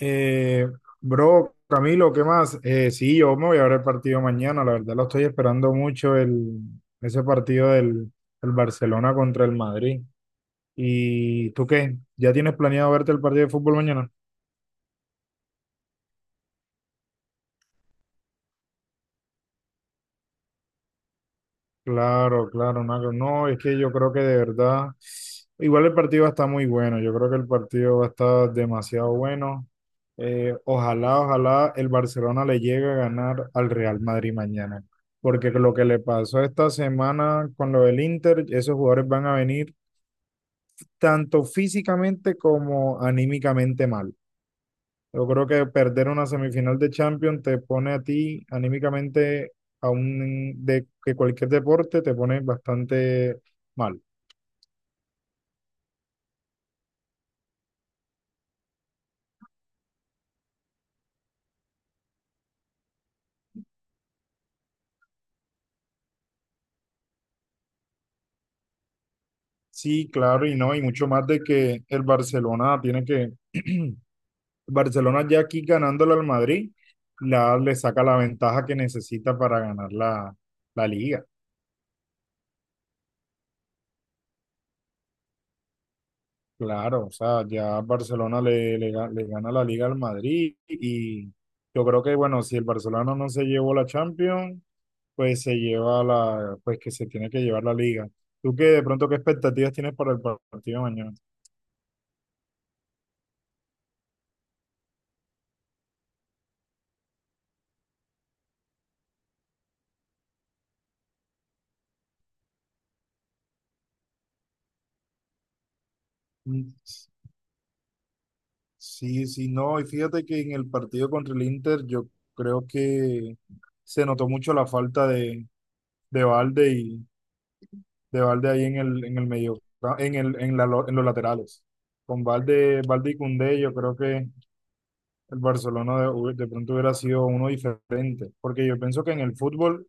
Eh, bro, Camilo, ¿qué más? Sí, yo me voy a ver el partido mañana, la verdad lo estoy esperando mucho, ese partido del Barcelona contra el Madrid. ¿Y tú qué? ¿Ya tienes planeado verte el partido de fútbol mañana? Claro, claro, Naco. No, es que yo creo que de verdad, igual el partido va a estar muy bueno, yo creo que el partido va a estar demasiado bueno. Ojalá el Barcelona le llegue a ganar al Real Madrid mañana, porque lo que le pasó esta semana con lo del Inter, esos jugadores van a venir tanto físicamente como anímicamente mal. Yo creo que perder una semifinal de Champions te pone a ti anímicamente, aún de que cualquier deporte, te pone bastante mal. Sí, claro, y no, y mucho más de que el Barcelona tiene que Barcelona ya aquí ganándole al Madrid, le saca la ventaja que necesita para ganar la liga. Claro, o sea, ya Barcelona le gana la liga al Madrid y yo creo que, bueno, si el Barcelona no se llevó la Champions, pues se lleva pues que se tiene que llevar la liga. ¿Tú qué, de pronto, qué expectativas tienes para el partido de mañana? Mm. Sí, sí, no, y fíjate que en el partido contra el Inter yo creo que se notó mucho la falta de Valde y de Valde ahí en en el medio, en el, en la, lo- en los laterales. Con Valde y Koundé, yo creo que el Barcelona de pronto hubiera sido uno diferente, porque yo pienso que en el fútbol,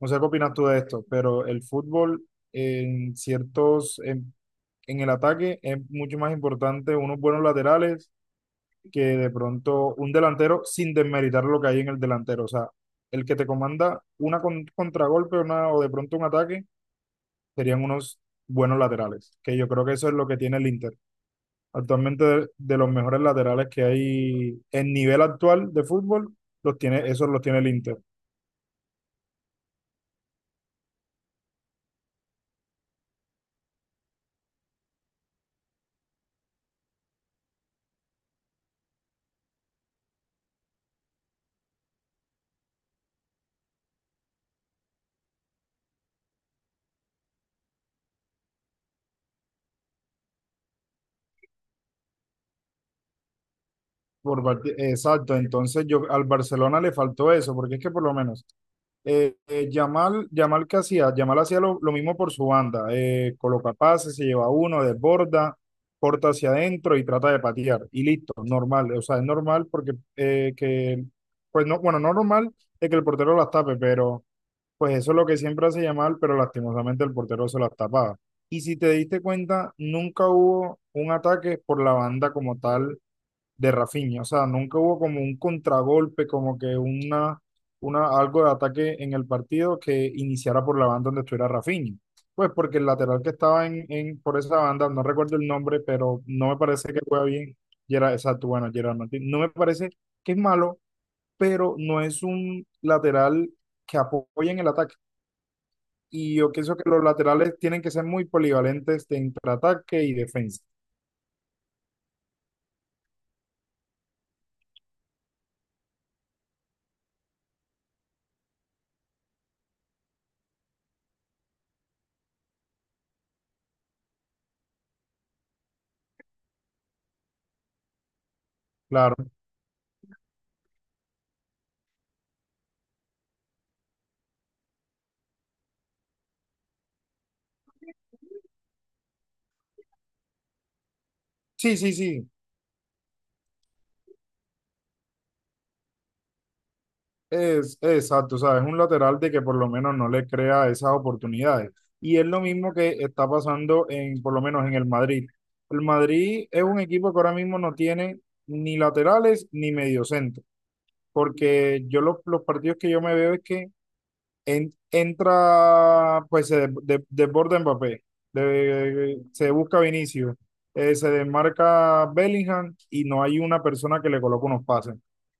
no sé qué opinas tú de esto, pero el fútbol en ciertos, en, en el ataque es mucho más importante unos buenos laterales que de pronto un delantero sin desmeritar lo que hay en el delantero, o sea, el que te comanda una contragolpe una, o de pronto un ataque serían unos buenos laterales, que yo creo que eso es lo que tiene el Inter. Actualmente de los mejores laterales que hay en nivel actual de fútbol, los tiene, esos los tiene el Inter. Exacto, entonces yo al Barcelona le faltó eso, porque es que por lo menos Yamal Yamal hacía lo mismo por su banda, coloca pases, se lleva uno, desborda, corta hacia adentro y trata de patear, y listo, normal, o sea, es normal porque pues no, bueno, no normal es que el portero las tape, pero pues eso es lo que siempre hace llamar, pero lastimosamente el portero se las tapaba. Y si te diste cuenta, nunca hubo un ataque por la banda como tal de Rafinha. O sea, nunca hubo como un contragolpe, como que algo de ataque en el partido que iniciara por la banda donde estuviera Rafinha. Pues porque el lateral que estaba por esa banda, no recuerdo el nombre, pero no me parece que juega bien. Gerard, exacto, bueno, Gerard Martín. No me parece que es malo, pero no es un lateral que apoyen el ataque. Y yo pienso que los laterales tienen que ser muy polivalentes de entre ataque y defensa. Claro. Sí, sí, sí. Es exacto. O sea, es un lateral de que por lo menos no le crea esas oportunidades. Y es lo mismo que está pasando en, por lo menos en el Madrid. El Madrid es un equipo que ahora mismo no tiene ni laterales ni mediocentro. Porque yo los partidos que yo me veo es que pues desborda Mbappé, se busca Vinicius, se desmarca Bellingham y no hay una persona que le coloque unos pases.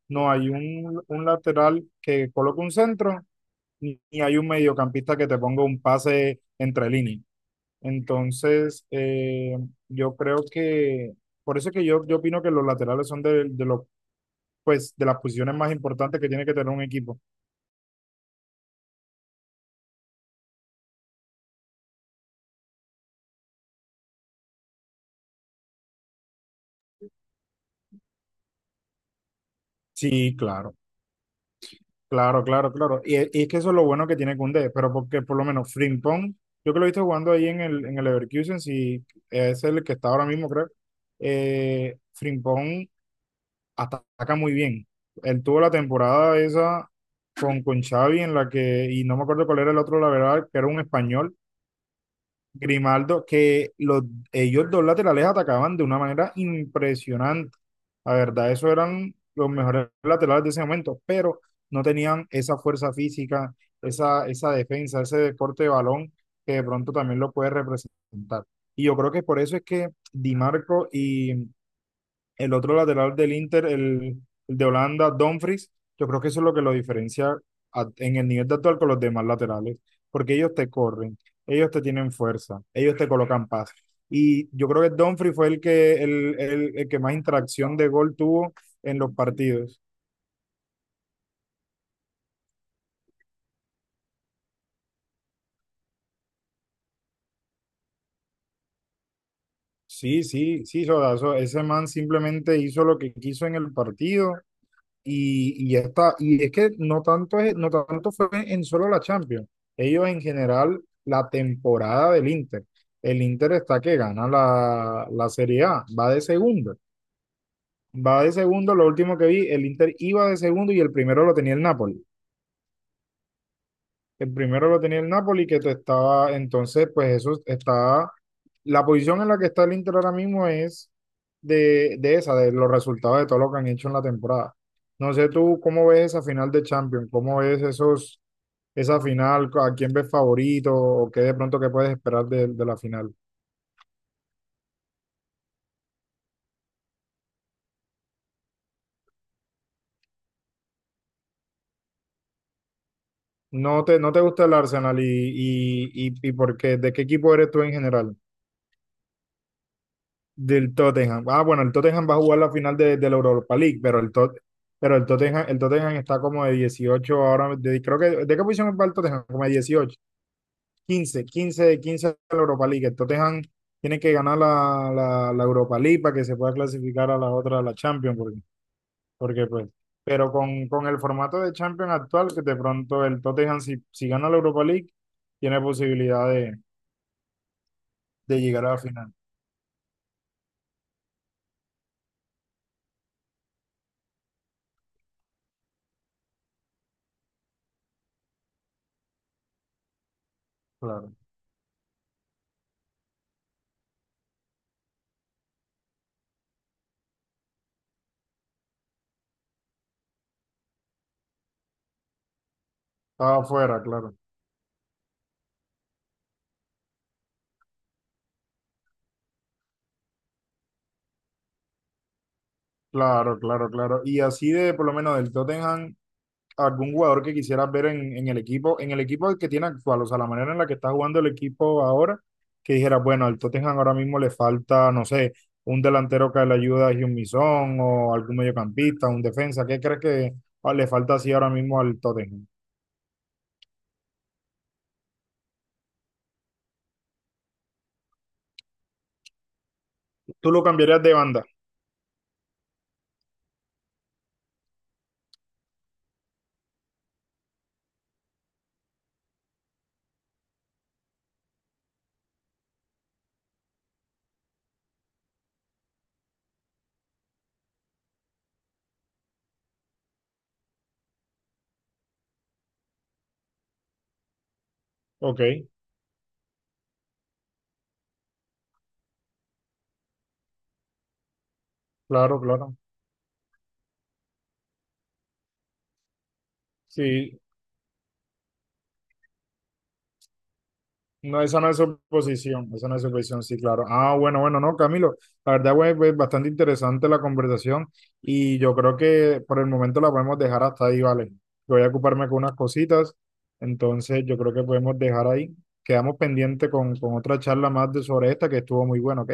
No hay un lateral que coloque un centro, ni hay un mediocampista que te ponga un pase entre líneas. Entonces, yo creo que, por eso es que yo opino que los laterales son de las posiciones más importantes que tiene que tener un equipo. Sí, claro. Claro, claro, claro. Y es que eso es lo bueno que tiene Koundé, pero porque por lo menos Frimpong, yo que lo he visto jugando ahí en en el Leverkusen, si es el que está ahora mismo, creo, Frimpong ataca muy bien. Él tuvo la temporada esa con Xavi en la que, y no me acuerdo cuál era el otro, la verdad, que era un español Grimaldo, ellos dos laterales atacaban de una manera impresionante. La verdad, esos eran los mejores laterales de ese momento, pero no tenían esa fuerza física, esa defensa, ese deporte de balón que de pronto también lo puede representar. Y yo creo que por eso es que Di Marco y el otro lateral del Inter, el de Holanda, Dumfries, yo creo que eso es lo que lo diferencia en el nivel de actual con los demás laterales, porque ellos te corren, ellos te tienen fuerza, ellos te colocan paz. Y yo creo que Dumfries fue el que más interacción de gol tuvo en los partidos. Sí, sí, sí, Soda, ese man simplemente hizo lo que quiso en el partido. Y ya está. Y es que no tanto, es, no tanto fue en solo la Champions. Ellos en general, la temporada del Inter. El Inter está que gana la Serie A. Va de segundo. Va de segundo. Lo último que vi, el Inter iba de segundo y el primero lo tenía el Napoli. El primero lo tenía el Napoli, que te estaba, entonces, pues eso está, la posición en la que está el Inter ahora mismo es de los resultados de todo lo que han hecho en la temporada. No sé tú cómo ves esa final de Champions, cómo ves esa final, a quién ves favorito o qué de pronto qué puedes esperar de la final. No te gusta el Arsenal y por qué, ¿de qué equipo eres tú en general? Del Tottenham. Ah, bueno, el Tottenham va a jugar la final de la Europa League, pero pero el Tottenham está como de 18 ahora, creo que, ¿de qué posición va el Tottenham? Como de 18, 15 de 15 a la Europa League. El Tottenham tiene que ganar la Europa League para que se pueda clasificar a la otra, a la Champions, porque, porque pues, pero con el formato de Champions actual, que de pronto el Tottenham, si gana la Europa League, tiene posibilidad de llegar a la final, claro. Estaba afuera, claro. Claro, claro, claro. Y así de, por lo menos del Tottenham, algún jugador que quisieras ver en el equipo que tiene actual, o sea, la manera en la que está jugando el equipo ahora, que dijeras, bueno, al Tottenham ahora mismo le falta, no sé, un delantero que le ayuda a Heung-min Son o algún mediocampista, un defensa, ¿qué crees que le falta así ahora mismo al Tottenham? ¿Tú lo cambiarías de banda? Ok, claro, claro. Sí. No, esa no es oposición, esa no es oposición, sí, claro. Ah, bueno, bueno, no, Camilo, la verdad, güey, pues bastante interesante la conversación y yo creo que por el momento la podemos dejar hasta ahí, ¿vale? Voy a ocuparme con unas cositas, entonces yo creo que podemos dejar ahí. Quedamos pendiente con otra charla más de sobre esta que estuvo muy buena, ¿ok?